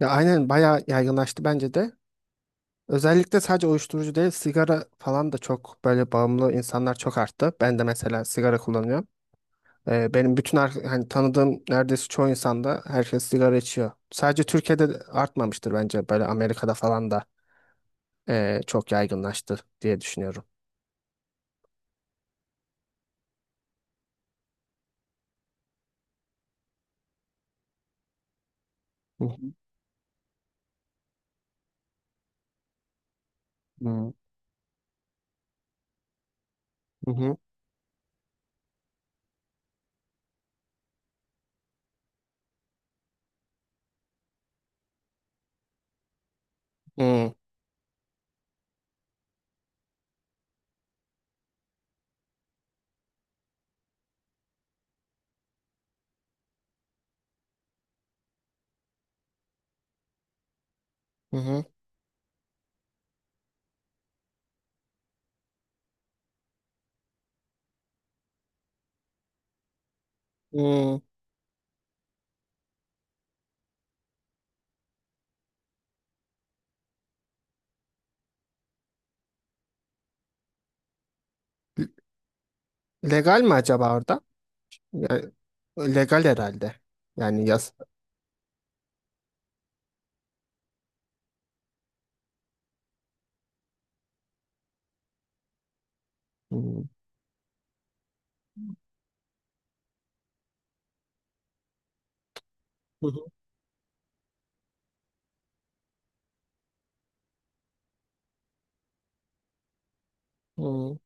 Ya aynen bayağı yaygınlaştı bence de. Özellikle sadece uyuşturucu değil, sigara falan da çok böyle bağımlı insanlar çok arttı. Ben de mesela sigara kullanıyorum. Benim bütün hani tanıdığım neredeyse çoğu insanda herkes sigara içiyor. Sadece Türkiye'de de artmamıştır bence böyle Amerika'da falan da çok yaygınlaştı diye düşünüyorum. Hı. Hı hı. Hı hı. Hı hı. Hı. Legal mi acaba orada? Yani, legal herhalde. Yani yas. Hı hı. Hı hı.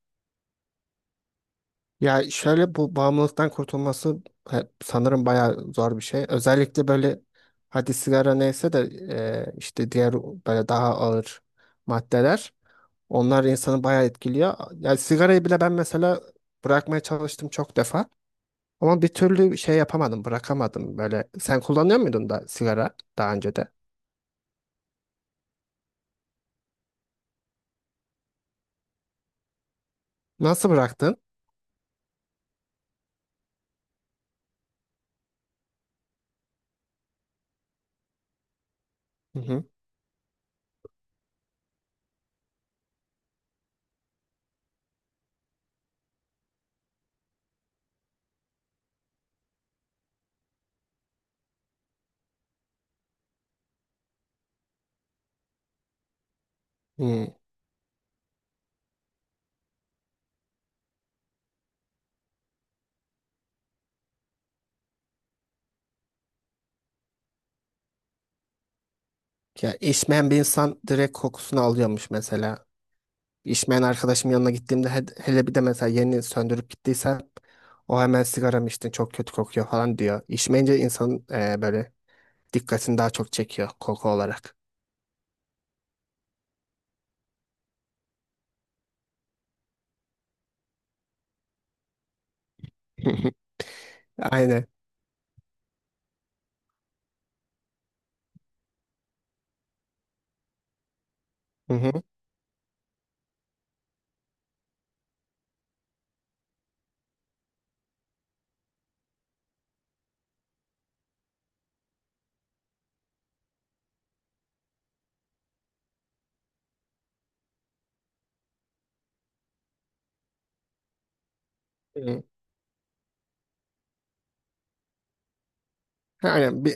Ya şöyle bu bağımlılıktan kurtulması sanırım bayağı zor bir şey. Özellikle böyle hadi sigara neyse de işte diğer böyle daha ağır maddeler onlar insanı bayağı etkiliyor. Yani sigarayı bile ben mesela bırakmaya çalıştım çok defa ama bir türlü şey yapamadım, bırakamadım böyle. Sen kullanıyor muydun da sigara daha önce de? Nasıl bıraktın? Hı hı. Hı. Ya içmeyen bir insan direkt kokusunu alıyormuş mesela. İçmeyen arkadaşım yanına gittiğimde hele bir de mesela yeni söndürüp gittiyse o hemen sigara içtin çok kötü kokuyor falan diyor. İçmeyince insanın böyle dikkatini daha çok çekiyor koku olarak. Aynen. Hı hı. Hı. Aynen. Bir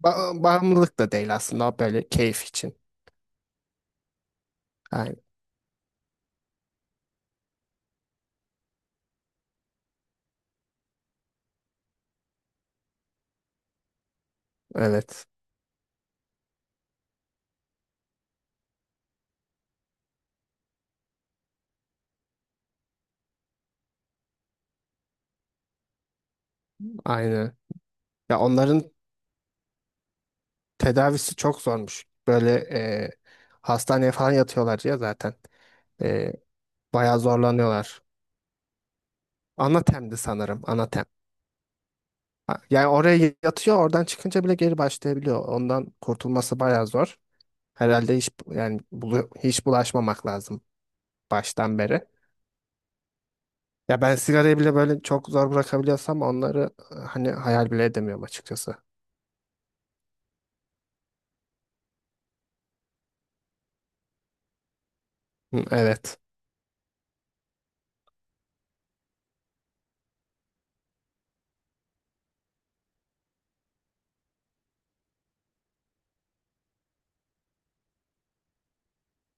bağımlılık da değil aslında o böyle keyif için. Aynen. Evet. Aynen. Ya onların tedavisi çok zormuş. Böyle hastaneye falan yatıyorlar ya zaten. E, Bayağı zorlanıyorlar. Anatem'di sanırım. Anatem. Ha, yani oraya yatıyor, oradan çıkınca bile geri başlayabiliyor. Ondan kurtulması bayağı zor. Herhalde hiç yani hiç bulaşmamak lazım baştan beri. Ya ben sigarayı bile böyle çok zor bırakabiliyorsam onları hani hayal bile edemiyorum açıkçası. Hı, evet.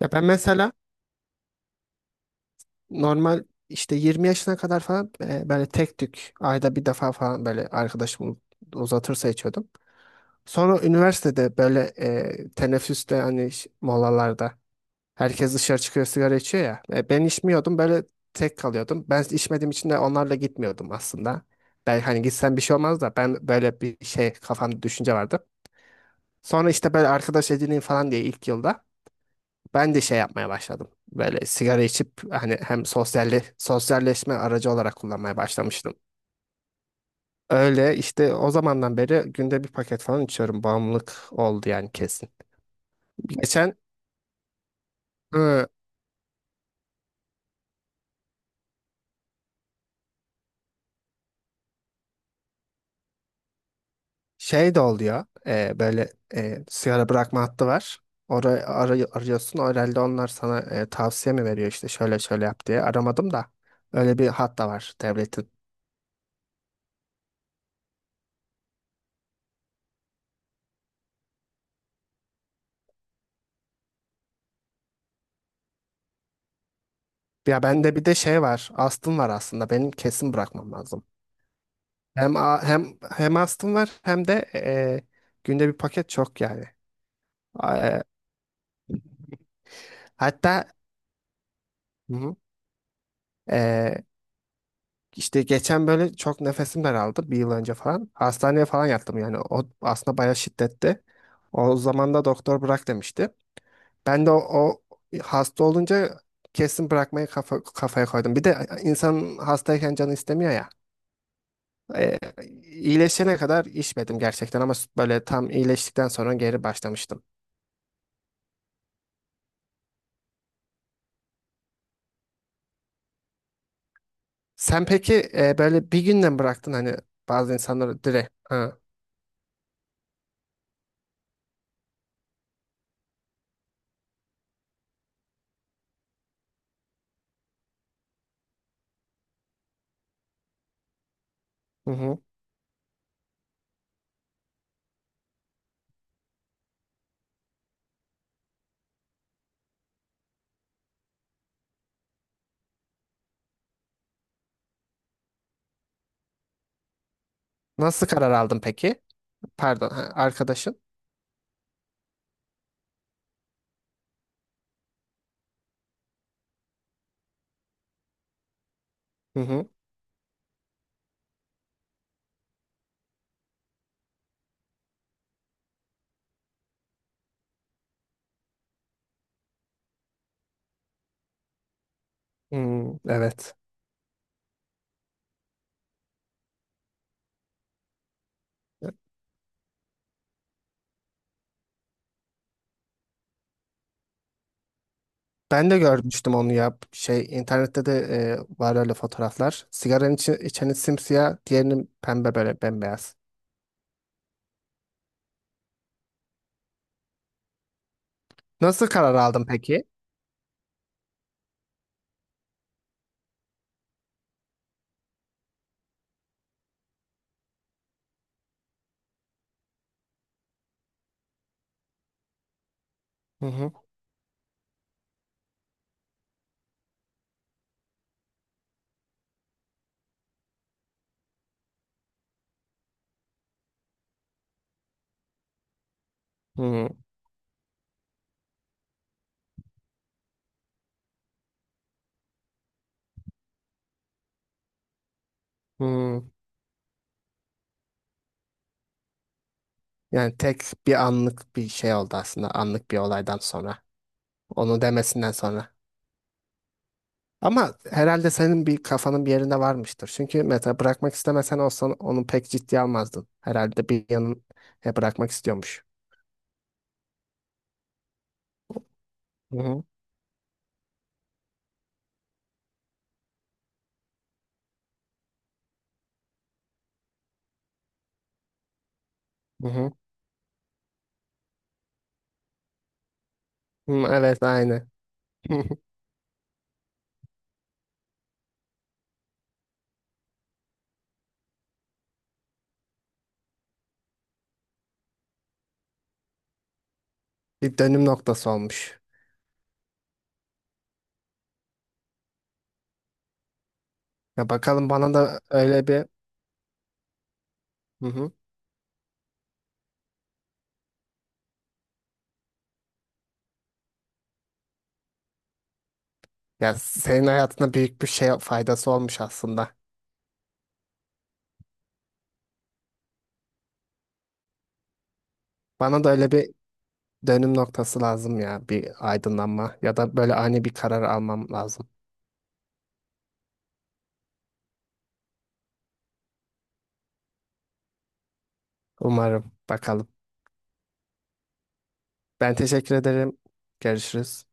Ya ben mesela normal işte 20 yaşına kadar falan böyle tek tük ayda bir defa falan böyle arkadaşım uzatırsa içiyordum. Sonra üniversitede böyle teneffüste hani molalarda herkes dışarı çıkıyor sigara içiyor ya. Ben içmiyordum böyle tek kalıyordum. Ben içmediğim için de onlarla gitmiyordum aslında. Ben hani gitsem bir şey olmaz da ben böyle bir şey kafamda düşünce vardı. Sonra işte böyle arkadaş edineyim falan diye ilk yılda ben de şey yapmaya başladım. Böyle sigara içip hani hem sosyalli, sosyalleşme aracı olarak kullanmaya başlamıştım. Öyle işte o zamandan beri günde bir paket falan içiyorum. Bağımlılık oldu yani kesin. Geçen hı, şey de oluyor. Böyle sigara bırakma hattı var. Orayı arıyorsun. Herhalde onlar sana tavsiye mi veriyor işte şöyle şöyle yap diye. Aramadım da. Öyle bir hat da var devletin. Ya bende bir de şey var. Astım var aslında. Benim kesin bırakmam lazım. Hem hem astım var hem de günde bir paket çok yani. E, hatta hı hı. E, işte geçen böyle çok nefesim daraldı bir yıl önce falan. Hastaneye falan yattım yani. O aslında bayağı şiddetli. O zaman da doktor bırak demişti. Ben de o hasta olunca kesin bırakmayı kafaya koydum. Bir de insan hastayken canı istemiyor ya. E, iyileşene kadar içmedim gerçekten ama böyle tam iyileştikten sonra geri başlamıştım. Sen peki böyle bir günden bıraktın hani bazı insanları direkt? Ha. Hı hı. Nasıl karar aldın peki? Pardon, ha, arkadaşın? Hı hı. Hmm, evet. Ben de görmüştüm onu ya. Şey internette de var öyle fotoğraflar. Sigaranın içi, içeni simsiyah, diğerinin pembe böyle bembeyaz. Nasıl karar aldın peki? Hı hı. Hı hı. Yani tek bir anlık bir şey oldu aslında. Anlık bir olaydan sonra. Onu demesinden sonra. Ama herhalde senin bir kafanın bir yerinde varmıştır. Çünkü mesela bırakmak istemesen olsan onu pek ciddiye almazdın. Herhalde bir yanın bırakmak istiyormuş. Hı hı. Hı hı. Hı, evet aynı. Bir dönüm noktası olmuş. Ya bakalım bana da öyle bir hı hı. Ya senin hayatına büyük bir şey faydası olmuş aslında. Bana da öyle bir dönüm noktası lazım ya bir aydınlanma ya da böyle ani bir karar almam lazım. Umarım bakalım. Ben teşekkür ederim. Görüşürüz.